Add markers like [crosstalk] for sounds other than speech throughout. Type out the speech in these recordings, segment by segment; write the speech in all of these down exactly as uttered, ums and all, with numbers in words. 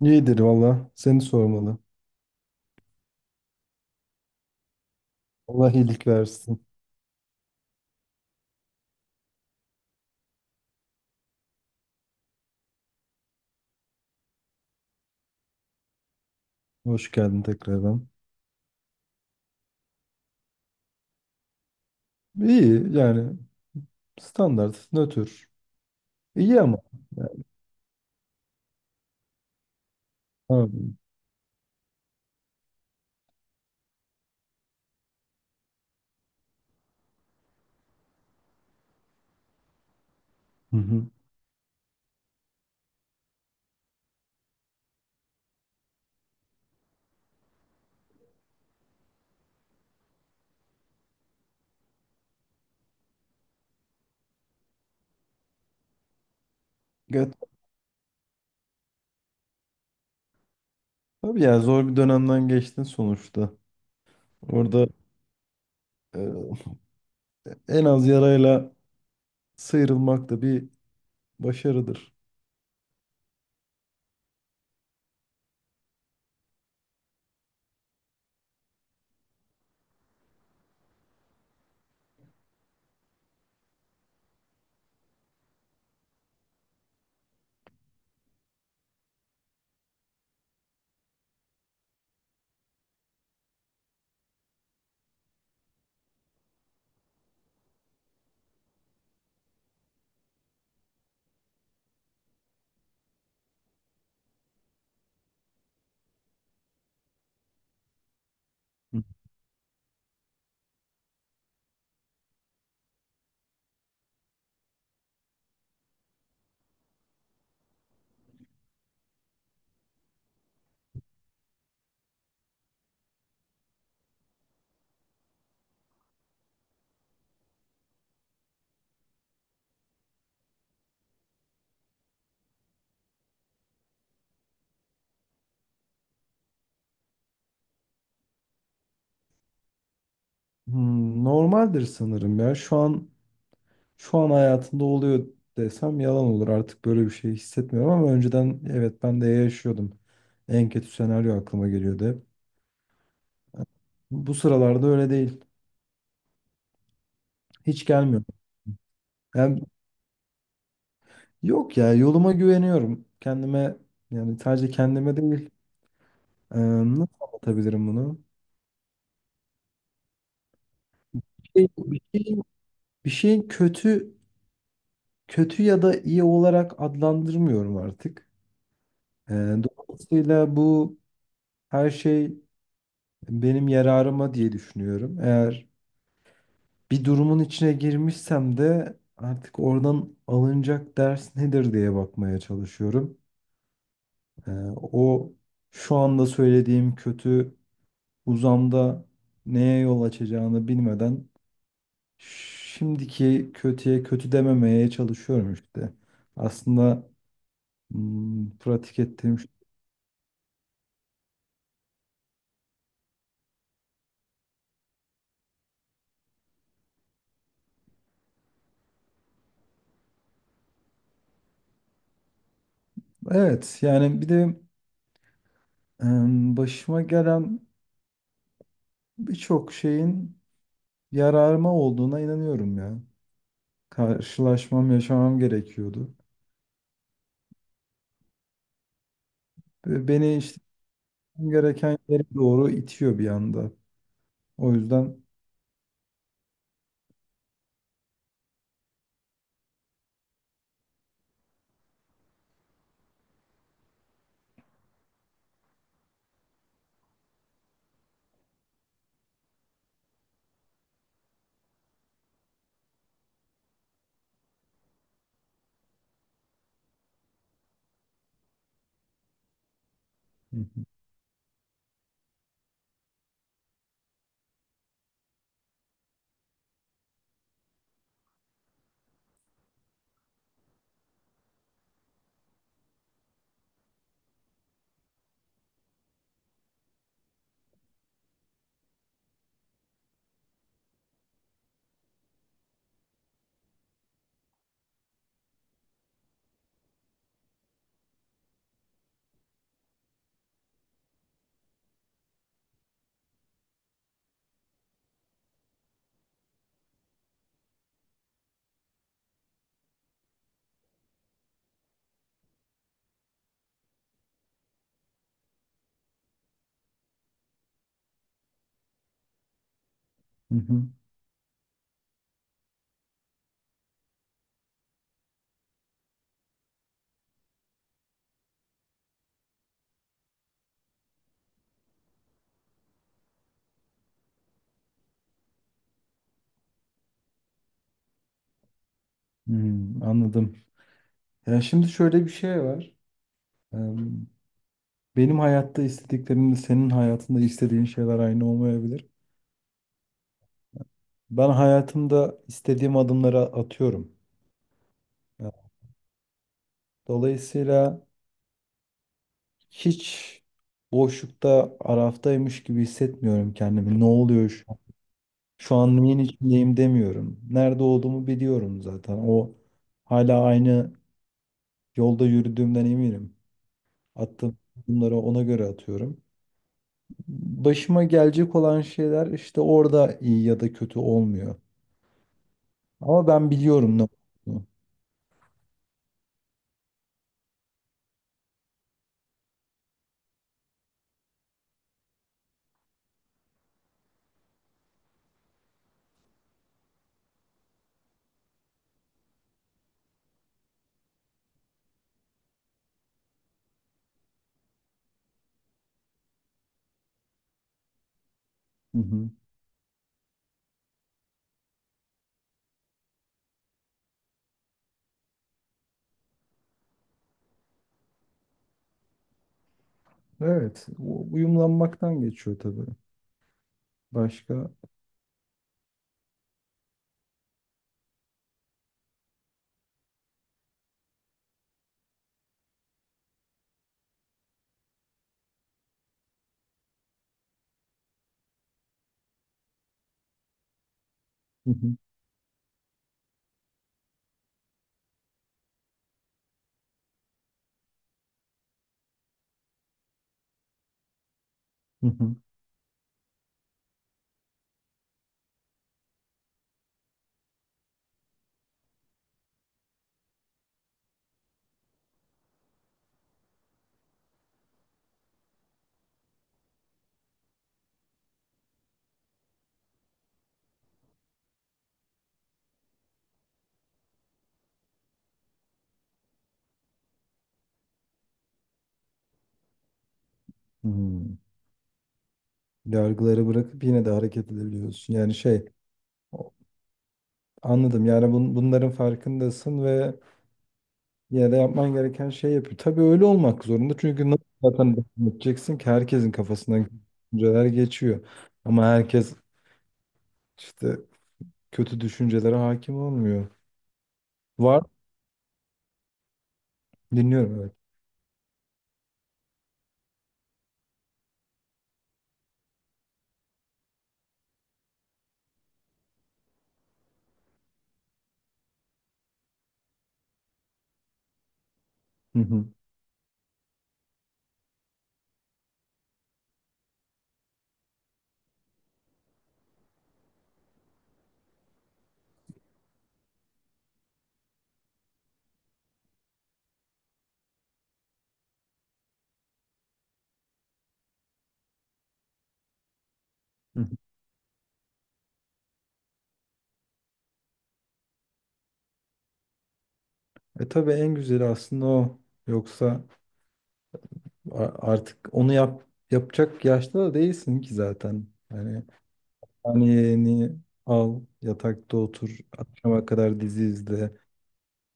İyidir valla. Seni sormalı. Allah iyilik versin. Hoş geldin tekrardan. İyi yani standart, nötr. İyi ama. Abi. Hı hı. Evet. Tabii yani zor bir dönemden geçtin sonuçta. Orada e, en az yarayla sıyrılmak da bir başarıdır. Hı. Hmm, normaldir sanırım ya. Şu an şu an hayatında oluyor desem yalan olur. Artık böyle bir şey hissetmiyorum ama önceden evet ben de yaşıyordum. En kötü senaryo aklıma geliyordu hep. Bu sıralarda öyle değil. Hiç gelmiyor. Yani yok ya yoluma güveniyorum. Kendime yani sadece kendime değil. Ee, nasıl anlatabilirim bunu? Bir şey- şeyin, bir şeyin kötü kötü ya da iyi olarak adlandırmıyorum artık. Ee, dolayısıyla bu her şey benim yararıma diye düşünüyorum. Eğer bir durumun içine girmişsem de artık oradan alınacak ders nedir diye bakmaya çalışıyorum. Ee, o şu anda söylediğim kötü uzamda neye yol açacağını bilmeden şimdiki kötüye kötü dememeye çalışıyorum işte. Aslında hmm, pratik ettiğim şey. Evet yani bir de em, başıma gelen birçok şeyin yararıma olduğuna inanıyorum ya. Karşılaşmam, yaşamam gerekiyordu. Ve Beni işte gereken yere doğru itiyor bir anda. O yüzden. Hı hı. Hı hı. Hmm, anladım. Ya şimdi şöyle bir şey var. Eee, Benim hayatta istediklerimle senin hayatında istediğin şeyler aynı olmayabilir. Ben hayatımda istediğim adımları atıyorum. Ya, Dolayısıyla hiç boşlukta, araftaymış gibi hissetmiyorum kendimi. Ne oluyor şu an? Şu an neyin içindeyim demiyorum. Nerede olduğumu biliyorum zaten. O hala aynı yolda yürüdüğümden eminim. Attığım adımları ona göre atıyorum. Başıma gelecek olan şeyler işte orada iyi ya da kötü olmuyor. Ama ben biliyorum ne olduğunu. Hı hı. Evet, u- uyumlanmaktan geçiyor tabii. Başka? Hı. Hı hı. hı. Hmm. Yargıları bırakıp yine de hareket edebiliyorsun. Yani şey, o- anladım. Yani bun, bunların farkındasın ve yine de yapman gereken şey yapıyor. Tabii öyle olmak zorunda. Çünkü nasıl zaten devam edeceksin ki herkesin kafasından düşünceler geçiyor. Ama herkes işte kötü düşüncelere hakim olmuyor. Var. Dinliyorum evet. Hı hı. Hı hı. E tabii en güzeli aslında o. Yoksa a- artık onu yap yapacak yaşta da değilsin ki zaten. Yani yeğeni al, yatakta otur, akşama kadar dizi izle.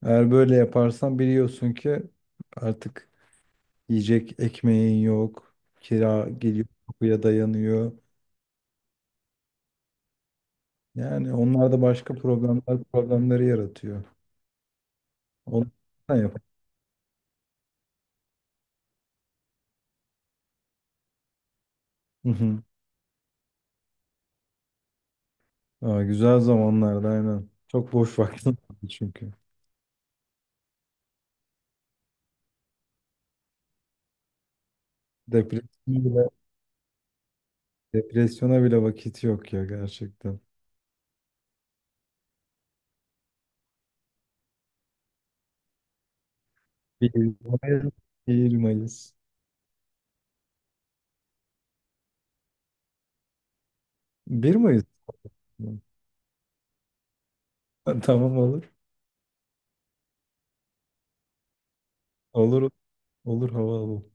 Eğer böyle yaparsan biliyorsun ki artık yiyecek ekmeğin yok, kira geliyor, kapıya dayanıyor. Yani onlar da başka problemler, problemleri yaratıyor. Onu sen yap. Aa, güzel zamanlarda aynen. Çok boş [laughs] vaktim vardı çünkü. Depresyona bile, depresyona bile vakit yok ya gerçekten. bir Mayıs. Bir Mayıs. 1 Mayıs mı? [laughs] Tamam olur. Olur olur hava alalım.